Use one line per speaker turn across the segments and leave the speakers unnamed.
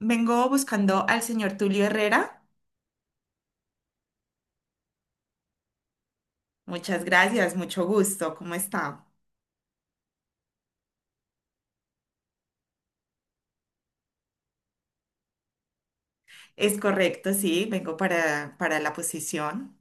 Vengo buscando al señor Tulio Herrera. Muchas gracias, mucho gusto. ¿Cómo está? Es correcto, sí, vengo para la posición.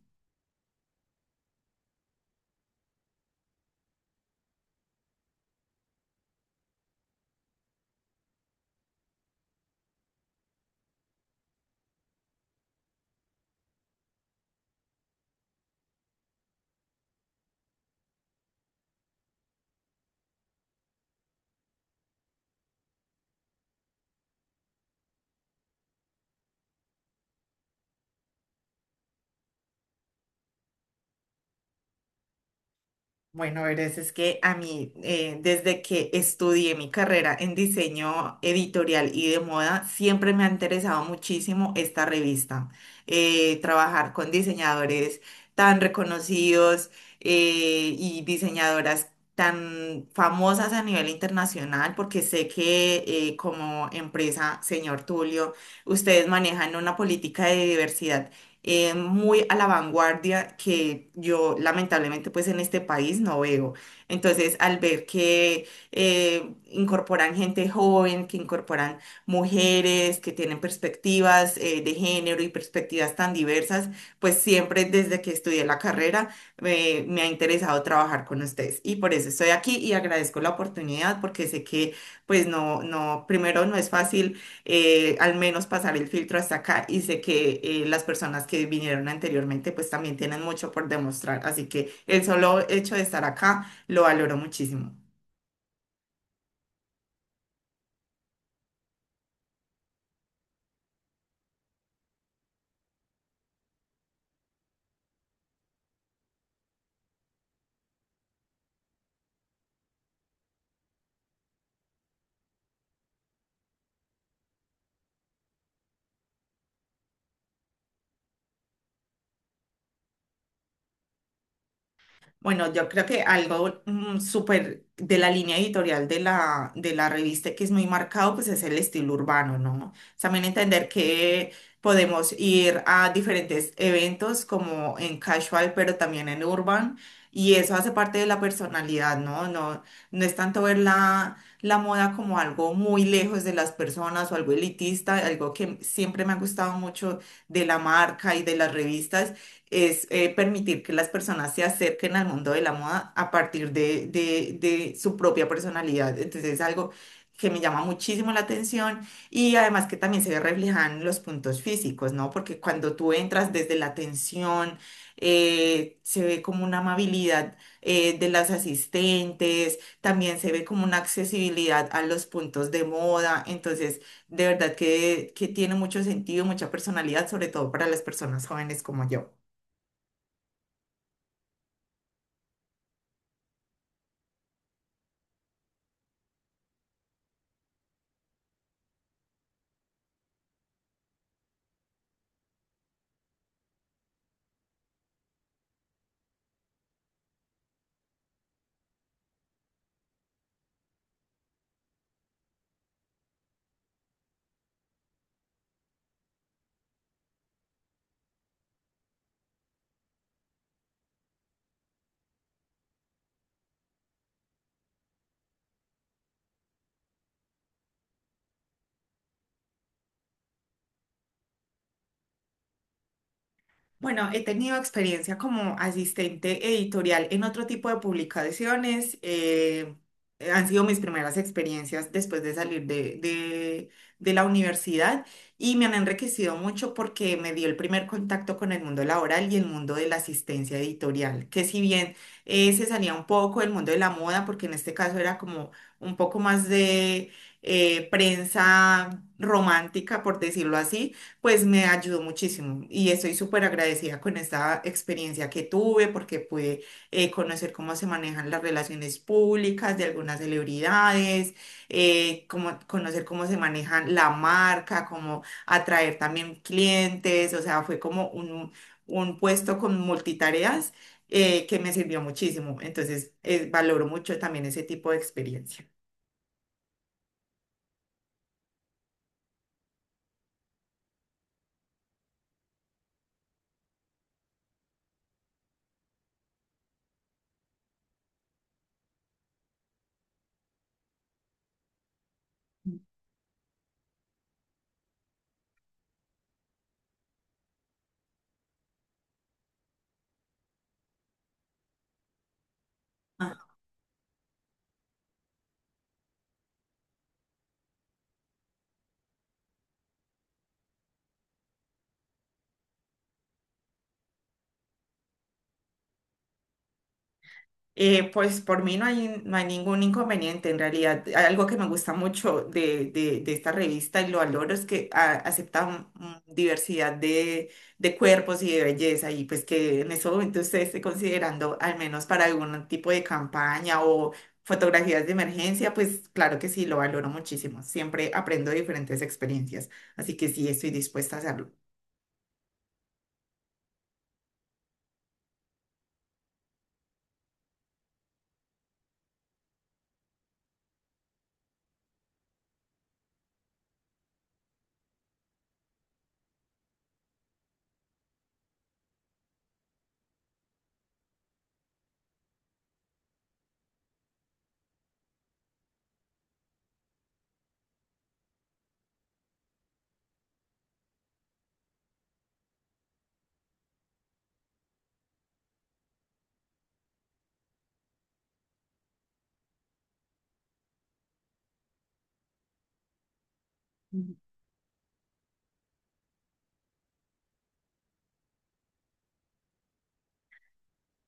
Bueno, verás, es que a mí, desde que estudié mi carrera en diseño editorial y de moda, siempre me ha interesado muchísimo esta revista. Trabajar con diseñadores tan reconocidos y diseñadoras tan famosas a nivel internacional, porque sé que como empresa, señor Tulio, ustedes manejan una política de diversidad muy a la vanguardia que yo lamentablemente pues en este país no veo. Entonces al ver que incorporan gente joven, que incorporan mujeres, que tienen perspectivas de género y perspectivas tan diversas, pues siempre desde que estudié la carrera me ha interesado trabajar con ustedes y por eso estoy aquí y agradezco la oportunidad porque sé que pues no, no, primero no es fácil, al menos pasar el filtro hasta acá, y sé que las personas que vinieron anteriormente pues también tienen mucho por demostrar, así que el solo hecho de estar acá lo valoro muchísimo. Bueno, yo creo que algo súper de la línea editorial de la revista que es muy marcado, pues es el estilo urbano, ¿no? También entender que podemos ir a diferentes eventos como en casual, pero también en urban, y eso hace parte de la personalidad, ¿no? No, no es tanto ver la moda como algo muy lejos de las personas o algo elitista. Algo que siempre me ha gustado mucho de la marca y de las revistas es, permitir que las personas se acerquen al mundo de la moda a partir de su propia personalidad. Entonces es algo que me llama muchísimo la atención, y además que también se reflejan los puntos físicos, ¿no? Porque cuando tú entras desde la atención, se ve como una amabilidad de las asistentes, también se ve como una accesibilidad a los puntos de moda, entonces de verdad que tiene mucho sentido, mucha personalidad, sobre todo para las personas jóvenes como yo. Bueno, he tenido experiencia como asistente editorial en otro tipo de publicaciones. Han sido mis primeras experiencias después de salir de la universidad y me han enriquecido mucho porque me dio el primer contacto con el mundo laboral y el mundo de la asistencia editorial, que si bien se salía un poco del mundo de la moda, porque en este caso era como un poco más de prensa romántica, por decirlo así, pues me ayudó muchísimo y estoy súper agradecida con esta experiencia que tuve porque pude conocer cómo se manejan las relaciones públicas de algunas celebridades, conocer cómo se maneja la marca, cómo atraer también clientes, o sea, fue como un puesto con multitareas que me sirvió muchísimo. Entonces, valoro mucho también ese tipo de experiencia. Pues por mí no hay, no hay ningún inconveniente en realidad. Algo que me gusta mucho de esta revista y lo valoro es que acepta un diversidad de cuerpos y de belleza, y pues que en ese momento usted esté considerando al menos para algún tipo de campaña o fotografías de emergencia, pues claro que sí, lo valoro muchísimo. Siempre aprendo de diferentes experiencias, así que sí, estoy dispuesta a hacerlo.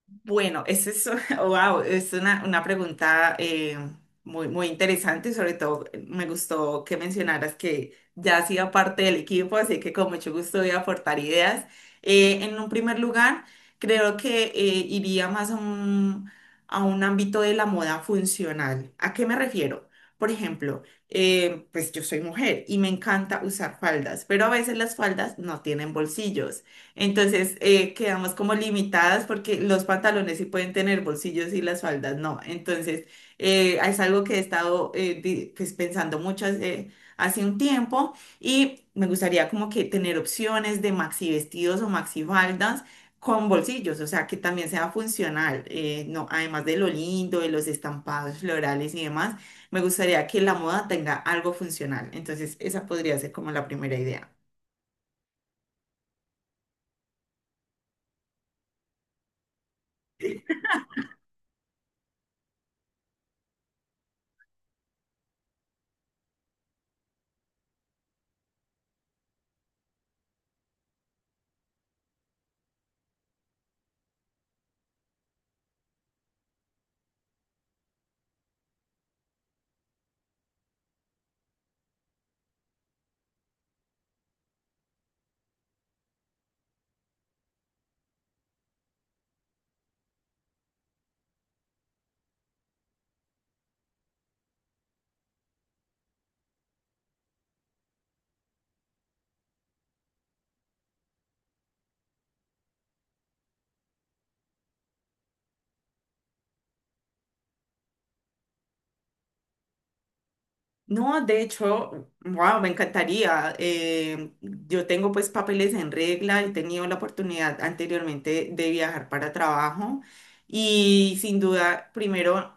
Bueno, esa es, wow, es una pregunta, muy, muy interesante, y sobre todo me gustó que mencionaras que ya hacía parte del equipo, así que con mucho gusto voy a aportar ideas. En un primer lugar, creo que iría más a un ámbito de la moda funcional. ¿A qué me refiero? Por ejemplo, pues yo soy mujer y me encanta usar faldas, pero a veces las faldas no tienen bolsillos. Entonces quedamos como limitadas porque los pantalones sí pueden tener bolsillos y las faldas no. Entonces es algo que he estado pues, pensando mucho hace un tiempo, y me gustaría como que tener opciones de maxi vestidos o maxi faldas con bolsillos, o sea que también sea funcional. Eh, no, además de lo lindo, de los estampados florales y demás, me gustaría que la moda tenga algo funcional. Entonces esa podría ser como la primera idea. No, de hecho, wow, me encantaría. Yo tengo pues papeles en regla, he tenido la oportunidad anteriormente de viajar para trabajo y sin duda, primero,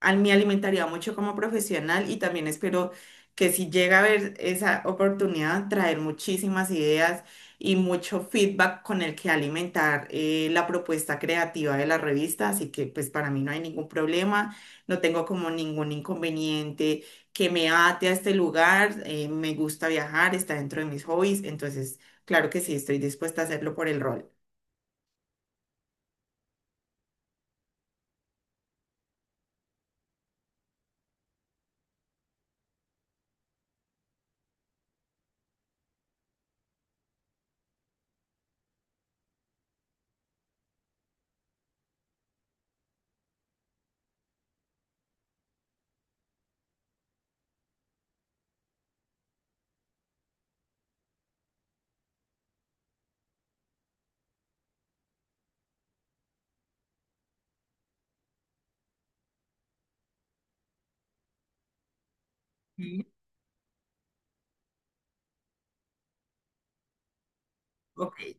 me alimentaría mucho como profesional, y también espero que si llega a haber esa oportunidad, traer muchísimas ideas y mucho feedback con el que alimentar la propuesta creativa de la revista. Así que pues para mí no hay ningún problema, no tengo como ningún inconveniente que me ate a este lugar. Eh, me gusta viajar, está dentro de mis hobbies, entonces, claro que sí, estoy dispuesta a hacerlo por el rol. Ok.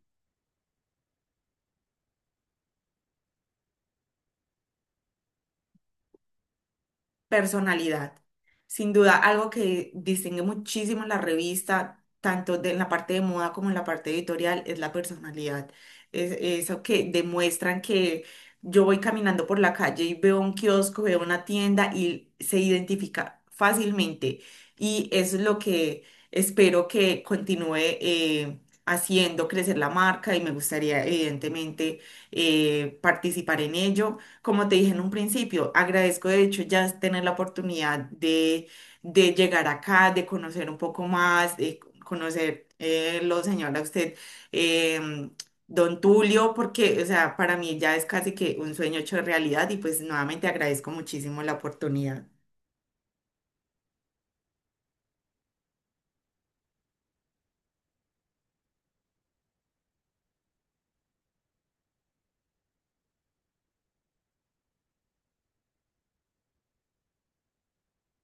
Personalidad. Sin duda, algo que distingue muchísimo la revista, tanto de, en la parte de moda como en la parte editorial, es la personalidad. Es eso que demuestran, que yo voy caminando por la calle y veo un kiosco, veo una tienda y se identifica fácilmente. Y eso es lo que espero que continúe haciendo crecer la marca, y me gustaría, evidentemente, participar en ello. Como te dije en un principio, agradezco de hecho ya tener la oportunidad de llegar acá, de conocer un poco más, de conocer lo señor a usted, em, don Tulio, porque, o sea, para mí ya es casi que un sueño hecho realidad y pues nuevamente agradezco muchísimo la oportunidad.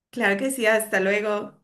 Claro que sí, hasta luego.